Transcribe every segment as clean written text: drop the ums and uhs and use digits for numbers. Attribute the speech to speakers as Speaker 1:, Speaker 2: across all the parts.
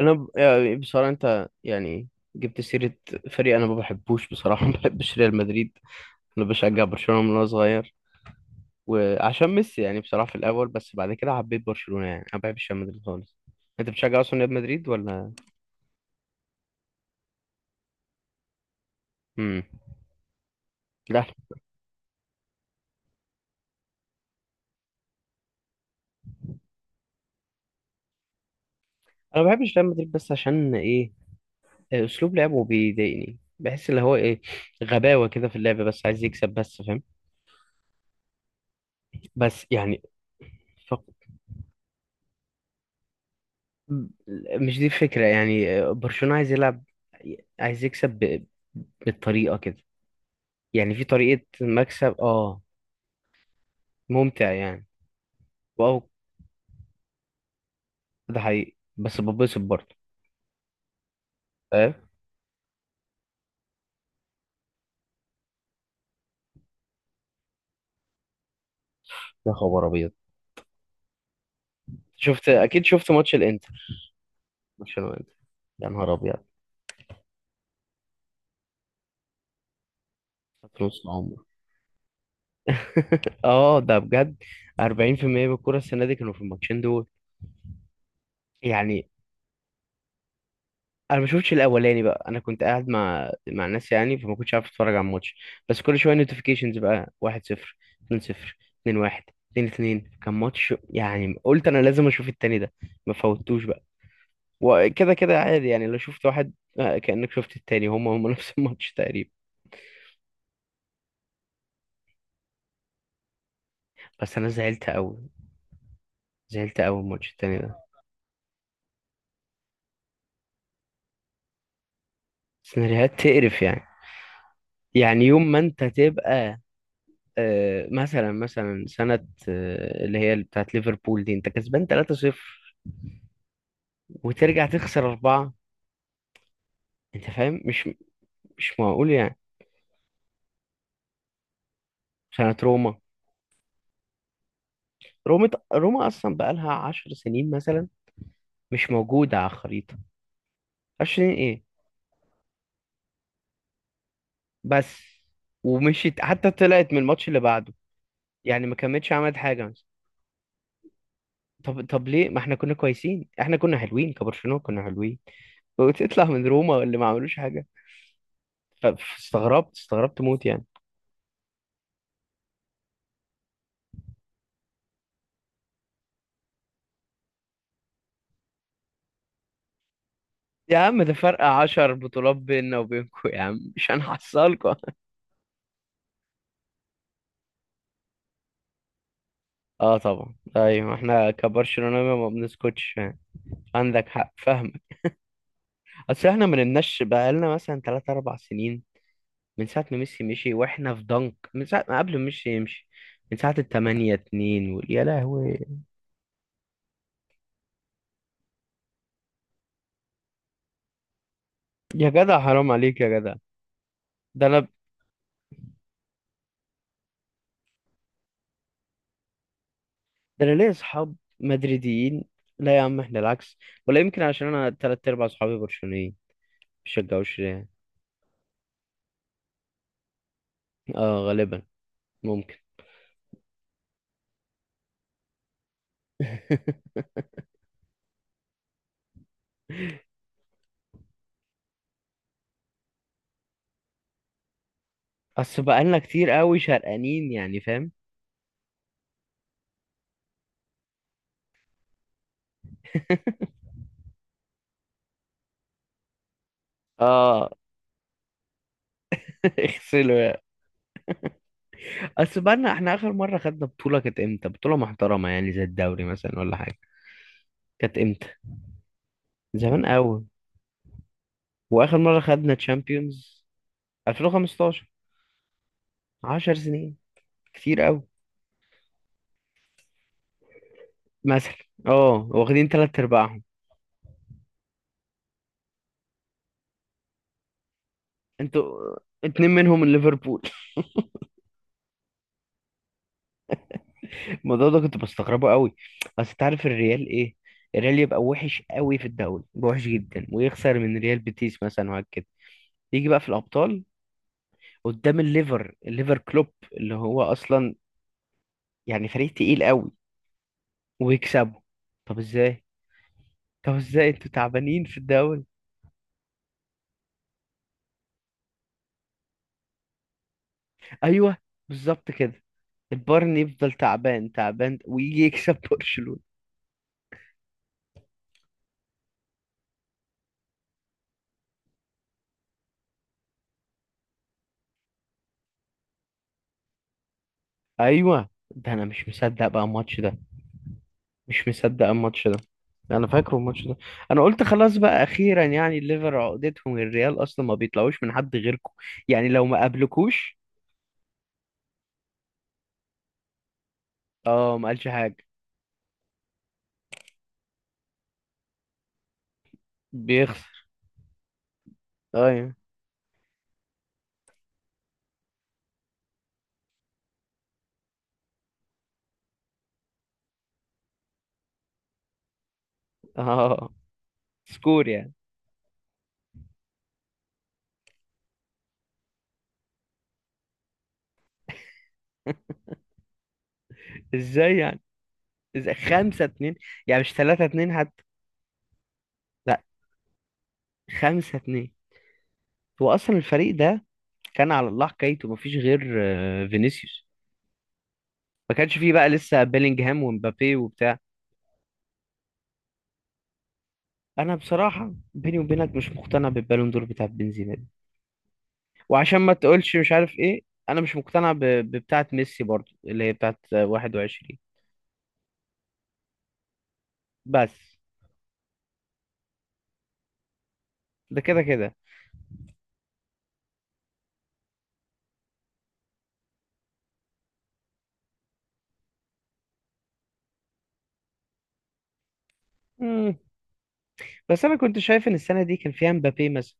Speaker 1: يعني بصراحه، انت يعني جبت سيره فريق انا ما بحبوش بصراحه. ما بحبش ريال مدريد. انا بشجع برشلونه من وانا صغير، وعشان ميسي يعني، بصراحه في الاول، بس بعد كده حبيت برشلونه يعني. انا ما بحبش ريال مدريد خالص. انت بتشجع اصلا ريال مدريد ولا؟ امم. لا، انا ما بحبش ريال مدريد، بس عشان ايه، اسلوب لعبه بيضايقني، بحس اللي هو ايه، غباوه كده في اللعب، بس عايز يكسب بس، فاهم؟ بس يعني، ف- مش دي الفكرة يعني. برشلونة عايز يلعب، عايز يكسب بالطريقة كده، يعني في طريقة مكسب، اه. ممتع يعني. واو، ده حقيقي بس ببسط برضه. فاهم؟ يا خبر ابيض. شفت، اكيد شفت ماتش الانتر. برشلونة والإنتر. يا نهار ابيض. في نص العمر. اه، ده بجد. 40% من الكرة السنة دي كانوا في الماتشين دول. يعني انا ما شفتش الاولاني بقى، انا كنت قاعد مع ناس يعني، فما كنتش عارف اتفرج على الماتش. بس كل شويه نوتيفيكيشنز بقى، 1 0، 2 0، 2 1، 2 2، كان ماتش يعني. قلت انا لازم اشوف التاني ده، ما فوتوش بقى. وكده كده عادي يعني، لو شفت واحد كانك شفت التاني، هما هما، نفس الماتش تقريبا. بس انا زعلت قوي، زعلت قوي الماتش التاني ده. سيناريوهات تقرف يعني. يعني يوم ما انت تبقى، مثلا سنة، اللي هي بتاعت ليفربول دي، انت كسبان 3-0 وترجع تخسر أربعة، أنت فاهم، مش معقول يعني. كانت روما. روما أصلا بقالها 10 سنين مثلا، مش موجودة على الخريطة. 10 سنين إيه بس. ومشيت حتى طلعت من الماتش اللي بعده، يعني ما كملتش عملت حاجة مثلا. طب ليه، ما احنا كنا كويسين، احنا كنا حلوين كبرشلونة، كنا حلوين، وتطلع من روما اللي ما عملوش حاجة. استغربت موت يعني. يا عم، ده فرق 10 بطولات بيننا وبينكم، يا عم مش هنحصلكوا. اه طبعا، ايوه احنا كبرشلونة ما بنسكتش يعني. عندك حق، فاهمك. اصل احنا ما نمناش بقالنا مثلا 3 4 سنين، من ساعة ما ميسي مشي، واحنا في ضنك من ساعة ما قبل ما ميسي يمشي، من ساعة التمانية اتنين، يا لهوي. يا جدع، حرام عليك يا جدع. ده انا ده انا ليا اصحاب مدريديين. لا يا عم، احنا العكس، ولا يمكن عشان انا تلات ارباع اصحابي برشلونيين، مشجعوش ريال. اه غالبا، ممكن. اصل بقالنا كتير قوي شرقانين يعني، فاهم. اه، اغسله يعني. اصل بقالنا احنا، اخر مره خدنا بطوله كانت امتى، بطوله محترمه يعني، زي الدوري مثلا ولا حاجه؟ كانت امتى؟ زمان قوي. واخر مره خدنا تشامبيونز، 2015، 10 سنين، كتير قوي. مثلا، اه، واخدين تلات ارباعهم. انتوا اتنين منهم من ليفربول. الموضوع ده كنت بستغربه قوي. بس تعرف الريال ايه، الريال يبقى وحش قوي في الدوري، يبقى وحش جدا، ويخسر من ريال بيتيس مثلا وهكذا. يجي بقى في الابطال، قدام الليفر كلوب، اللي هو اصلا يعني فريق تقيل قوي، ويكسبوا. طب ازاي؟ طب ازاي انتوا تعبانين في الدوري؟ ايوه بالظبط كده، البايرن يفضل تعبان تعبان، ويجي يكسب برشلونة. ايوه ده، انا مش مصدق بقى الماتش ده، مش مصدق الماتش ده، انا فاكره الماتش ده. انا قلت خلاص بقى، اخيرا يعني، الليفر عقدتهم الريال اصلا، ما بيطلعوش من حد غيركم، يعني لو ما قابلكوش. اه ما قالش حاجه. بيخسر. ايوه. اه، سكور يعني. ازاي يعني؟ 5-2، يعني مش 3-2 حتى. لا، 5-2. هو أصلا الفريق ده كان على الله حكايته، مفيش غير فينيسيوس، ما كانش فيه بقى لسه بيلينجهام ومبابي وبتاع. أنا بصراحة بيني وبينك، مش مقتنع بالبالون دور بتاع بنزيما دي، وعشان ما تقولش مش عارف إيه، أنا مش مقتنع ببتاعة ميسي برضو، اللي هي بتاعة 21 بس. ده كده كده. مم. بس أنا كنت شايف إن السنة دي كان فيها مبابي مثلا،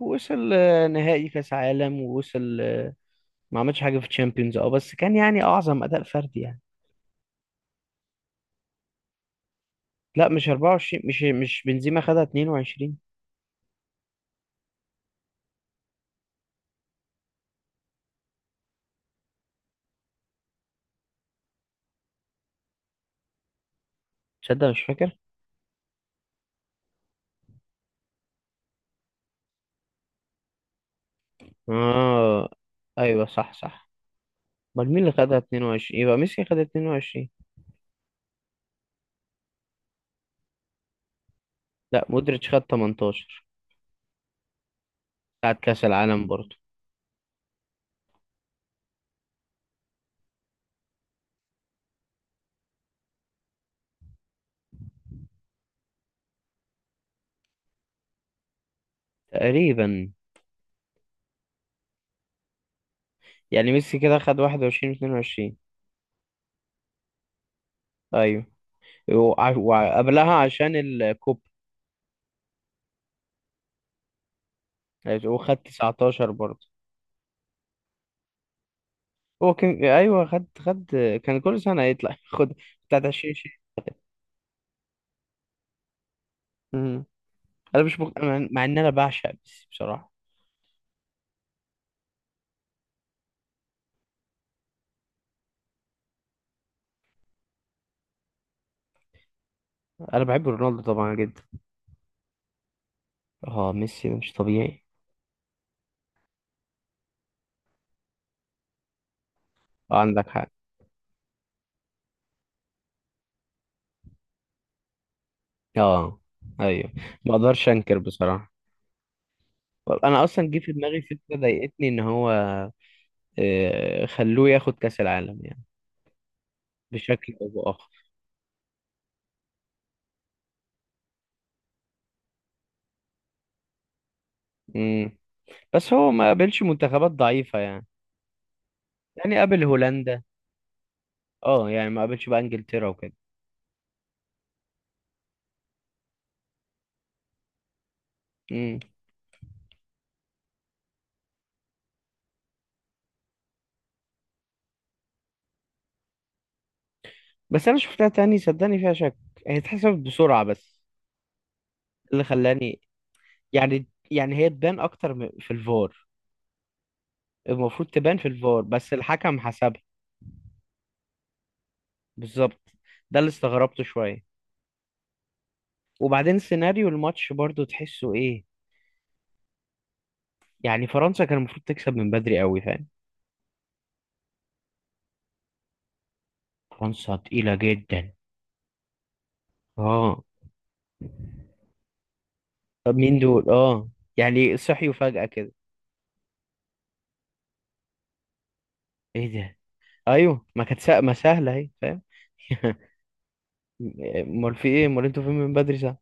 Speaker 1: وصل نهائي كأس عالم، ووصل، ما عملش حاجه في تشامبيونز، اه بس كان يعني اعظم اداء فردي يعني. لا مش 24، مش بنزيما خدها 22. تصدق مش فاكر. اه ايوه، صح صح. امال مين اللي خدها 22؟ يبقى ميسي خدها 22. لا، مودريتش خد 18، بتاعت كاس العالم برضه. تقريبا. يعني ميسي كده خد 21، 22. ايوه، وقبلها عشان الكوب. وخد 19 برضه. هو كان، ايوه، خد كان كل سنه يطلع، خد بتاعت 20. انا مش مق... مع ان انا بعشق ميسي بصراحه. انا بحب رونالدو طبعا جدا. اه ميسي ده مش طبيعي. اه عندك حق. اه ايوه، ما اقدرش انكر بصراحه. انا اصلا جه في دماغي فكره ضايقتني، ان هو خلوه ياخد كاس العالم يعني، بشكل او باخر. امم. بس هو ما قابلش منتخبات ضعيفه يعني، يعني قابل هولندا. اه يعني ما قابلش بقى انجلترا وكده. امم. بس انا شفتها تاني صدقني، فيها شك. هي اتحسبت بسرعه، بس اللي خلاني، يعني هي تبان اكتر في الفار، المفروض تبان في الفار، بس الحكم حسبها. بالظبط، ده اللي استغربته شويه. وبعدين سيناريو الماتش برضو، تحسه ايه، يعني فرنسا كان المفروض تكسب من بدري قوي، فاهم. فرنسا تقيله جدا. اه. طب مين دول؟ اه، يعني صحيوا فجأة كده؟ ايه ده. ايوه، ما كانت ما سهله اهي، فاهم. امال في ايه، امال انتوا فين من بدري ساعه.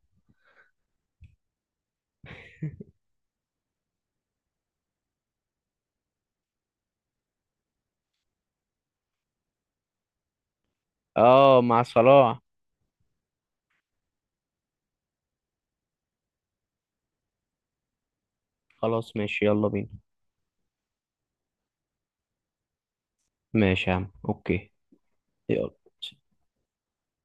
Speaker 1: اه، مع صلاح. خلاص ماشي، يلا بينا. ماشي يا عم، اوكي. يلا.